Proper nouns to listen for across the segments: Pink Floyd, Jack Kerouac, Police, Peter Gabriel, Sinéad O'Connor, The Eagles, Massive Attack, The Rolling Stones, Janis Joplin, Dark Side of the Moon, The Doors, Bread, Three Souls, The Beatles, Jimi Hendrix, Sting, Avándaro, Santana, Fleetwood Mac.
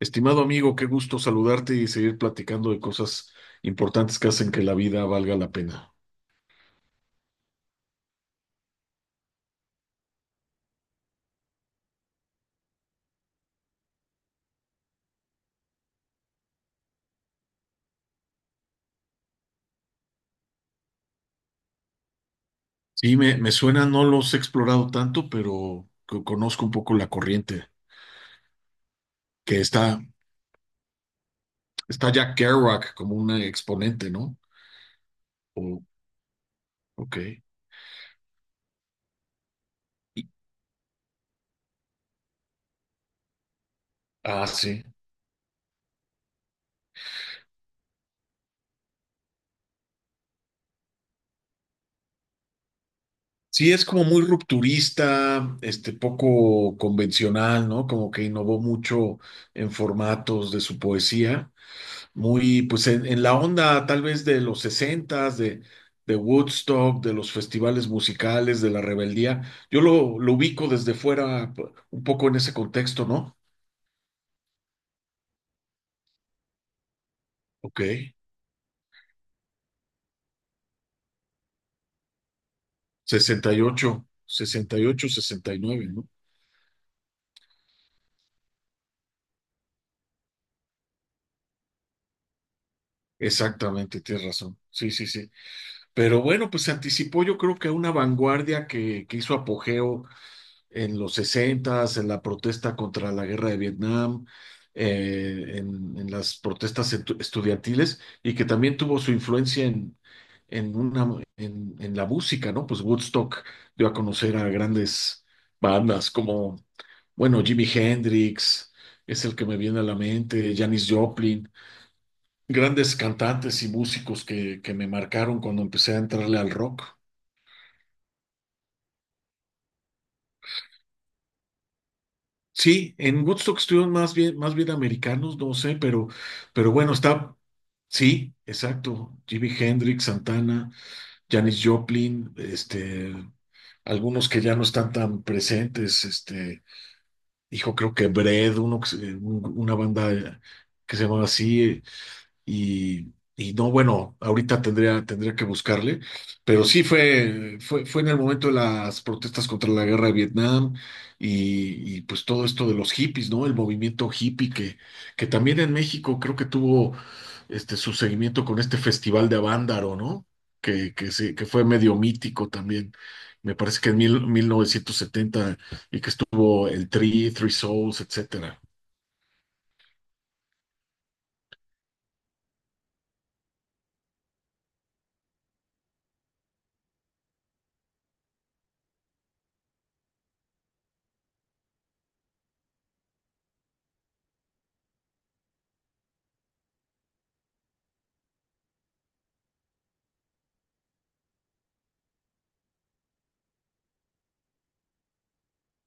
Estimado amigo, qué gusto saludarte y seguir platicando de cosas importantes que hacen que la vida valga la pena. Sí, me suena, no los he explorado tanto, pero conozco un poco la corriente, que está, está Jack Kerouac como un exponente, ¿no? O- ok. Y- ah, sí. Sí, es como muy rupturista, este poco convencional, ¿no? Como que innovó mucho en formatos de su poesía, muy pues en la onda tal vez de los sesentas, de Woodstock, de los festivales musicales, de la rebeldía. Lo ubico desde fuera un poco en ese contexto, ¿no? Ok, sesenta y ocho, sesenta y nueve, ¿no? Exactamente, tienes razón. Sí. Pero bueno, pues se anticipó yo creo que a una vanguardia que hizo apogeo en los sesentas en la protesta contra la guerra de Vietnam, en las protestas estudiantiles y que también tuvo su influencia en, una, en la música, ¿no? Pues Woodstock dio a conocer a grandes bandas como, bueno, Jimi Hendrix, es el que me viene a la mente, Janis Joplin, grandes cantantes y músicos que me marcaron cuando empecé a entrarle al rock. Sí, en Woodstock estuvieron más bien americanos, no sé, pero bueno, está, sí, exacto. Jimi Hendrix, Santana, Janis Joplin, este, algunos que ya no están tan presentes, este, hijo, creo que Bread, uno, una banda que se llamaba así, y no, bueno, ahorita tendría que buscarle, pero sí fue en el momento de las protestas contra la guerra de Vietnam y pues todo esto de los hippies, ¿no? El movimiento hippie que también en México creo que tuvo este, su seguimiento con este festival de Avándaro, ¿no? Que fue medio mítico también. Me parece que en 1970 y que estuvo el Tri, Three Souls, etcétera.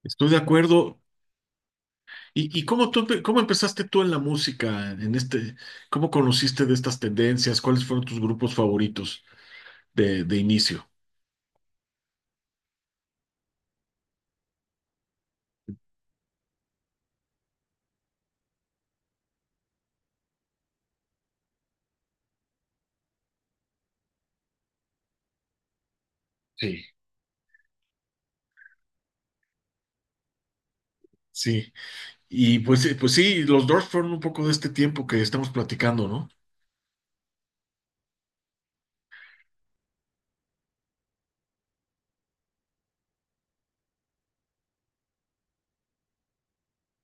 Estoy de acuerdo. ¿Y, cómo empezaste tú en la música, en este, cómo conociste de estas tendencias? ¿Cuáles fueron tus grupos favoritos de inicio? Sí. Sí. Y pues, pues sí, los Doors fueron un poco de este tiempo que estamos platicando, ¿no?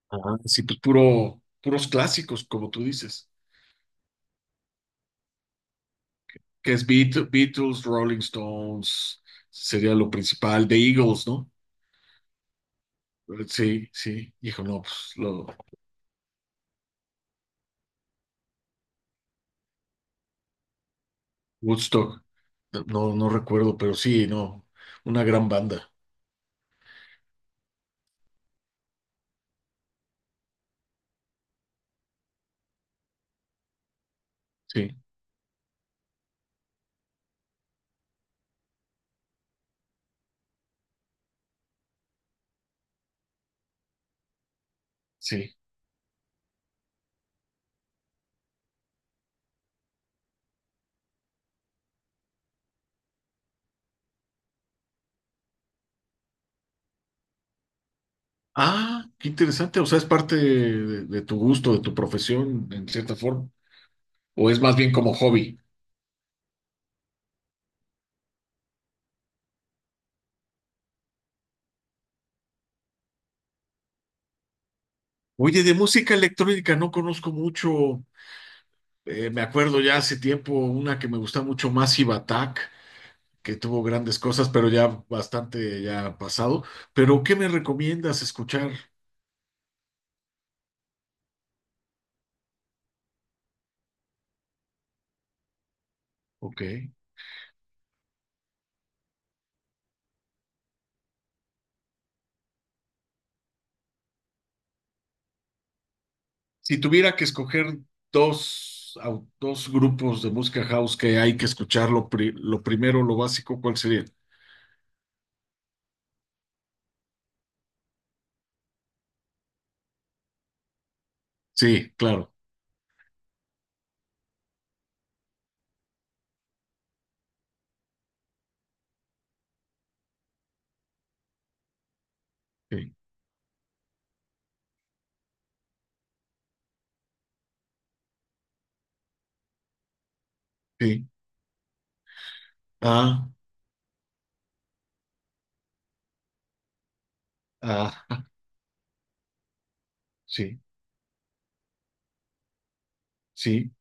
Ah, sí, pues puro, puros clásicos, como tú dices. Que es Beatles, Rolling Stones, sería lo principal, The Eagles, ¿no? Sí, sí, hijo, no, pues lo, Woodstock, no, no recuerdo, pero sí, no, una gran banda, sí, sí. Ah, qué interesante, o sea, es parte de tu gusto, de tu profesión, en cierta forma, o es más bien como hobby. Oye, de música electrónica no conozco mucho, me acuerdo ya hace tiempo una que me gusta mucho, Massive Attack, que tuvo grandes cosas, pero ya bastante ya pasado. Pero, ¿qué me recomiendas escuchar? Ok. Si tuviera que escoger dos grupos de música house que hay que escuchar, lo primero, lo básico, ¿cuál sería? Sí, claro. Sí, sí. Ah, ah, sí, sí,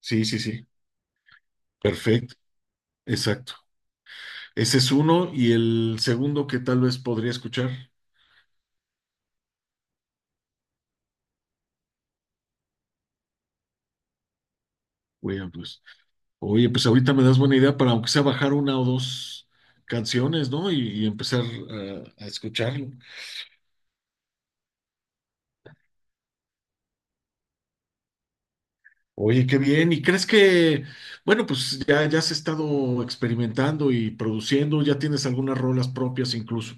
sí, sí, sí. Perfecto. Exacto. Ese es uno. Y el segundo que tal vez podría escuchar, William Blues. Oye, pues ahorita me das buena idea para aunque sea bajar una o dos canciones, ¿no? Y empezar a escucharlo. Oye, qué bien. ¿Y crees que, bueno, pues ya, ya has estado experimentando y produciendo, ya tienes algunas rolas propias incluso?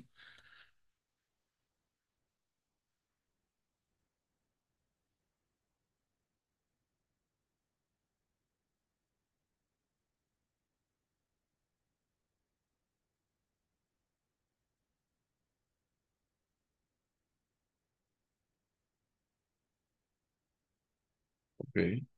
Ok,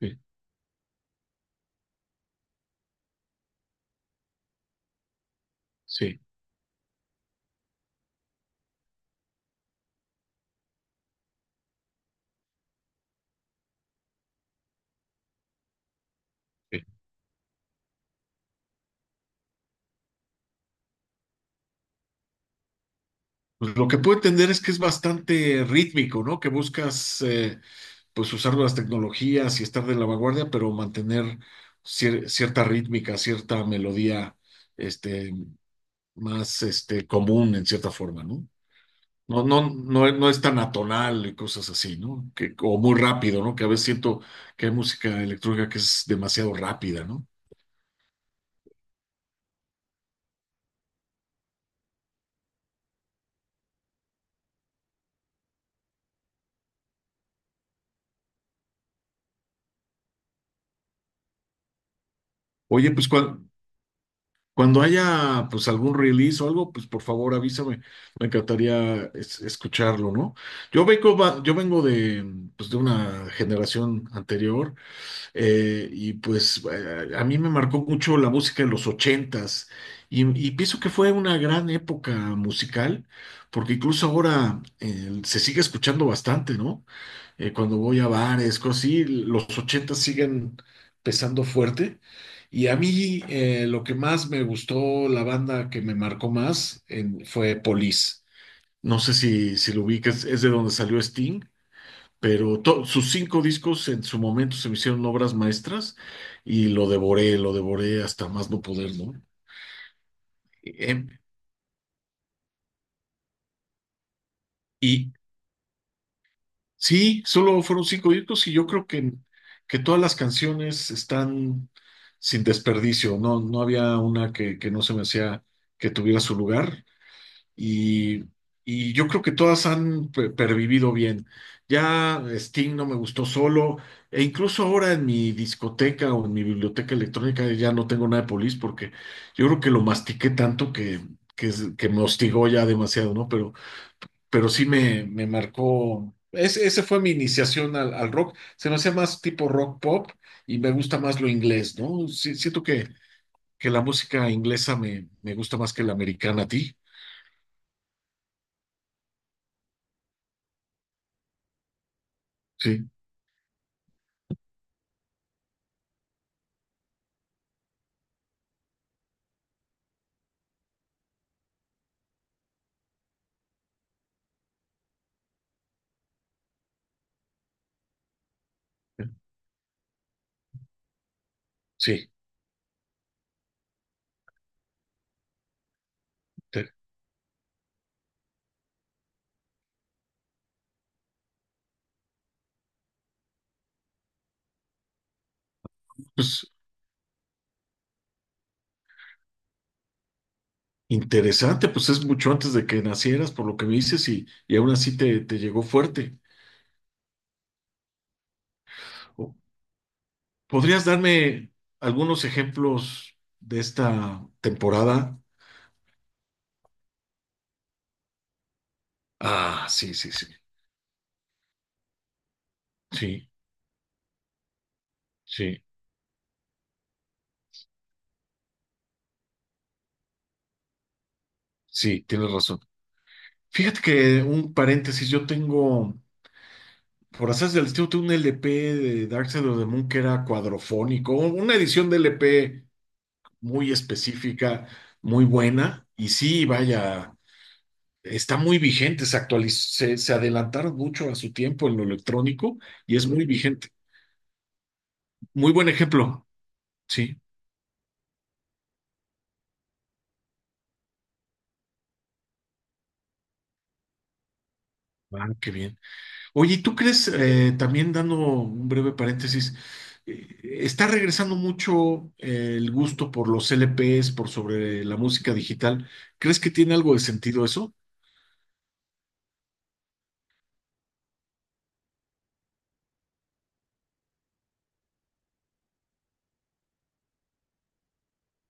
sí, sí. Sí. Pues lo que puedo entender es que es bastante rítmico, ¿no? Que buscas, pues usar las tecnologías y estar de la vanguardia, pero mantener cierta rítmica, cierta melodía, este, más este, común en cierta forma, ¿no? No, no, no, no es tan atonal y cosas así, ¿no? Que, o muy rápido, ¿no? Que a veces siento que hay música electrónica que es demasiado rápida, ¿no? Oye, pues cuando, cuando haya pues algún release o algo, pues por favor avísame. Me encantaría escucharlo, ¿no? Yo vengo de, pues, de una generación anterior. Y pues a mí me marcó mucho la música de los ochentas y, y pienso que fue una gran época musical, porque incluso ahora se sigue escuchando bastante, ¿no? Cuando voy a bares, cosas así, los ochentas siguen pesando fuerte. Y a mí lo que más me gustó, la banda que me marcó más fue Police. No sé si, si lo ubicas, es de donde salió Sting, pero sus cinco discos en su momento se me hicieron obras maestras y lo devoré hasta más no poder, ¿no? Em, y sí, solo fueron cinco discos y yo creo que todas las canciones están sin desperdicio, no, no había una que no se me hacía que tuviera su lugar. Y, y yo creo que todas han pervivido bien. Ya Sting no me gustó solo, e incluso ahora en mi discoteca o en mi biblioteca electrónica ya no tengo nada de Police porque yo creo que lo mastiqué tanto que me hostigó ya demasiado, ¿no? Pero sí me marcó. Ese fue mi iniciación al, al rock. Se me hacía más tipo rock pop y me gusta más lo inglés, ¿no? Sí, siento que la música inglesa me, me gusta más que la americana a ti. Sí, sí. Te- Pues interesante, pues es mucho antes de que nacieras, por lo que me dices, y aún así te, te llegó fuerte. O- ¿Podrías darme algunos ejemplos de esta temporada? Ah, sí, sí, sí, sí, sí, sí, tienes razón. Fíjate que un paréntesis, yo tengo, por hacer del estilo, tengo un LP de Dark Side of the Moon que era cuadrofónico, una edición de LP muy específica, muy buena, y sí, vaya. Está muy vigente, se adelantaron mucho a su tiempo en lo electrónico y es muy vigente. Muy buen ejemplo, sí. Ah, qué bien. Oye, ¿y ¿tú crees, también dando un breve paréntesis, está regresando mucho el gusto por los LPs, por sobre la música digital? ¿Crees que tiene algo de sentido eso?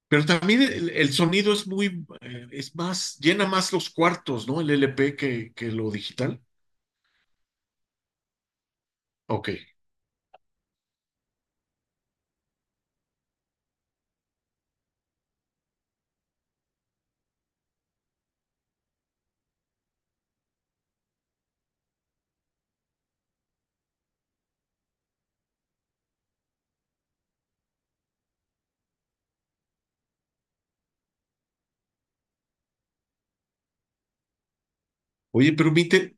Pero también el sonido es muy, es más, llena más los cuartos, ¿no? El LP que lo digital. Ok. Oye, pero mi,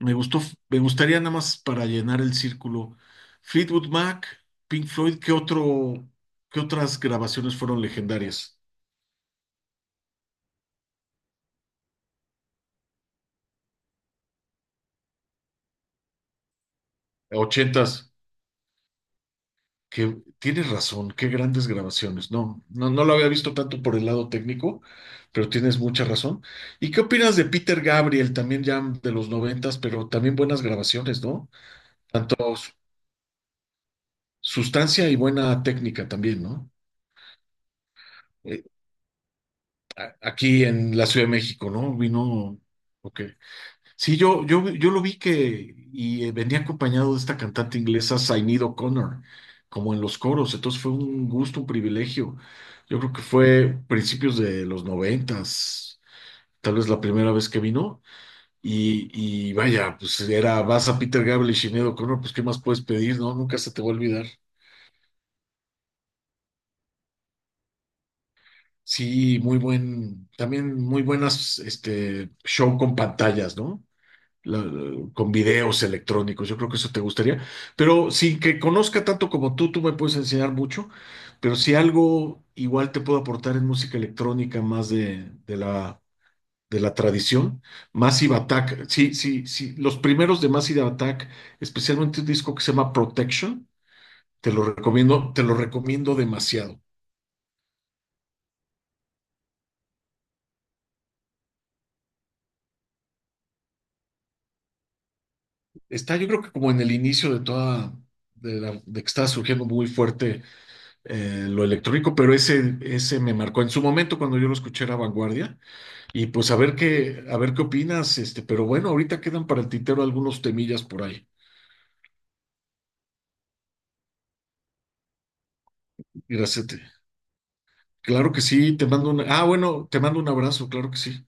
me gustó, me gustaría nada más para llenar el círculo. Fleetwood Mac, Pink Floyd, ¿qué otro, qué otras grabaciones fueron legendarias? Ochentas, que tienes razón, qué grandes grabaciones. No, no, no lo había visto tanto por el lado técnico, pero tienes mucha razón. ¿Y qué opinas de Peter Gabriel, también ya de los noventas, pero también buenas grabaciones, ¿no? Tanto sustancia y buena técnica también, ¿no? Eh, aquí en la Ciudad de México, ¿no? Vino, ok. Sí, yo lo vi que y venía acompañado de esta cantante inglesa Sinead O'Connor, como en los coros, entonces fue un gusto, un privilegio. Yo creo que fue principios de los noventas, tal vez la primera vez que vino, y, y vaya, pues era, vas a Peter Gabriel y Sinead O'Connor, pues ¿qué más puedes pedir, no? Nunca se te va a olvidar. Sí, muy buen, también muy buenas, este, show con pantallas, ¿no? la- con videos electrónicos. Yo creo que eso te gustaría. Pero sin que conozca tanto como tú me puedes enseñar mucho. Pero si algo igual te puedo aportar en música electrónica más de la tradición, Massive Attack. Sí, sí, sí. Los primeros de Massive Attack, especialmente un disco que se llama Protection, te lo recomiendo demasiado. Está, yo creo que como en el inicio de toda, de la, de que estaba surgiendo muy fuerte lo electrónico, pero ese me marcó en su momento cuando yo lo escuché era Vanguardia. Y pues a ver qué opinas, este, pero bueno, ahorita quedan para el tintero algunos temillas por ahí. Iracete. Claro que sí, te mando un, ah, bueno, te mando un abrazo, claro que sí.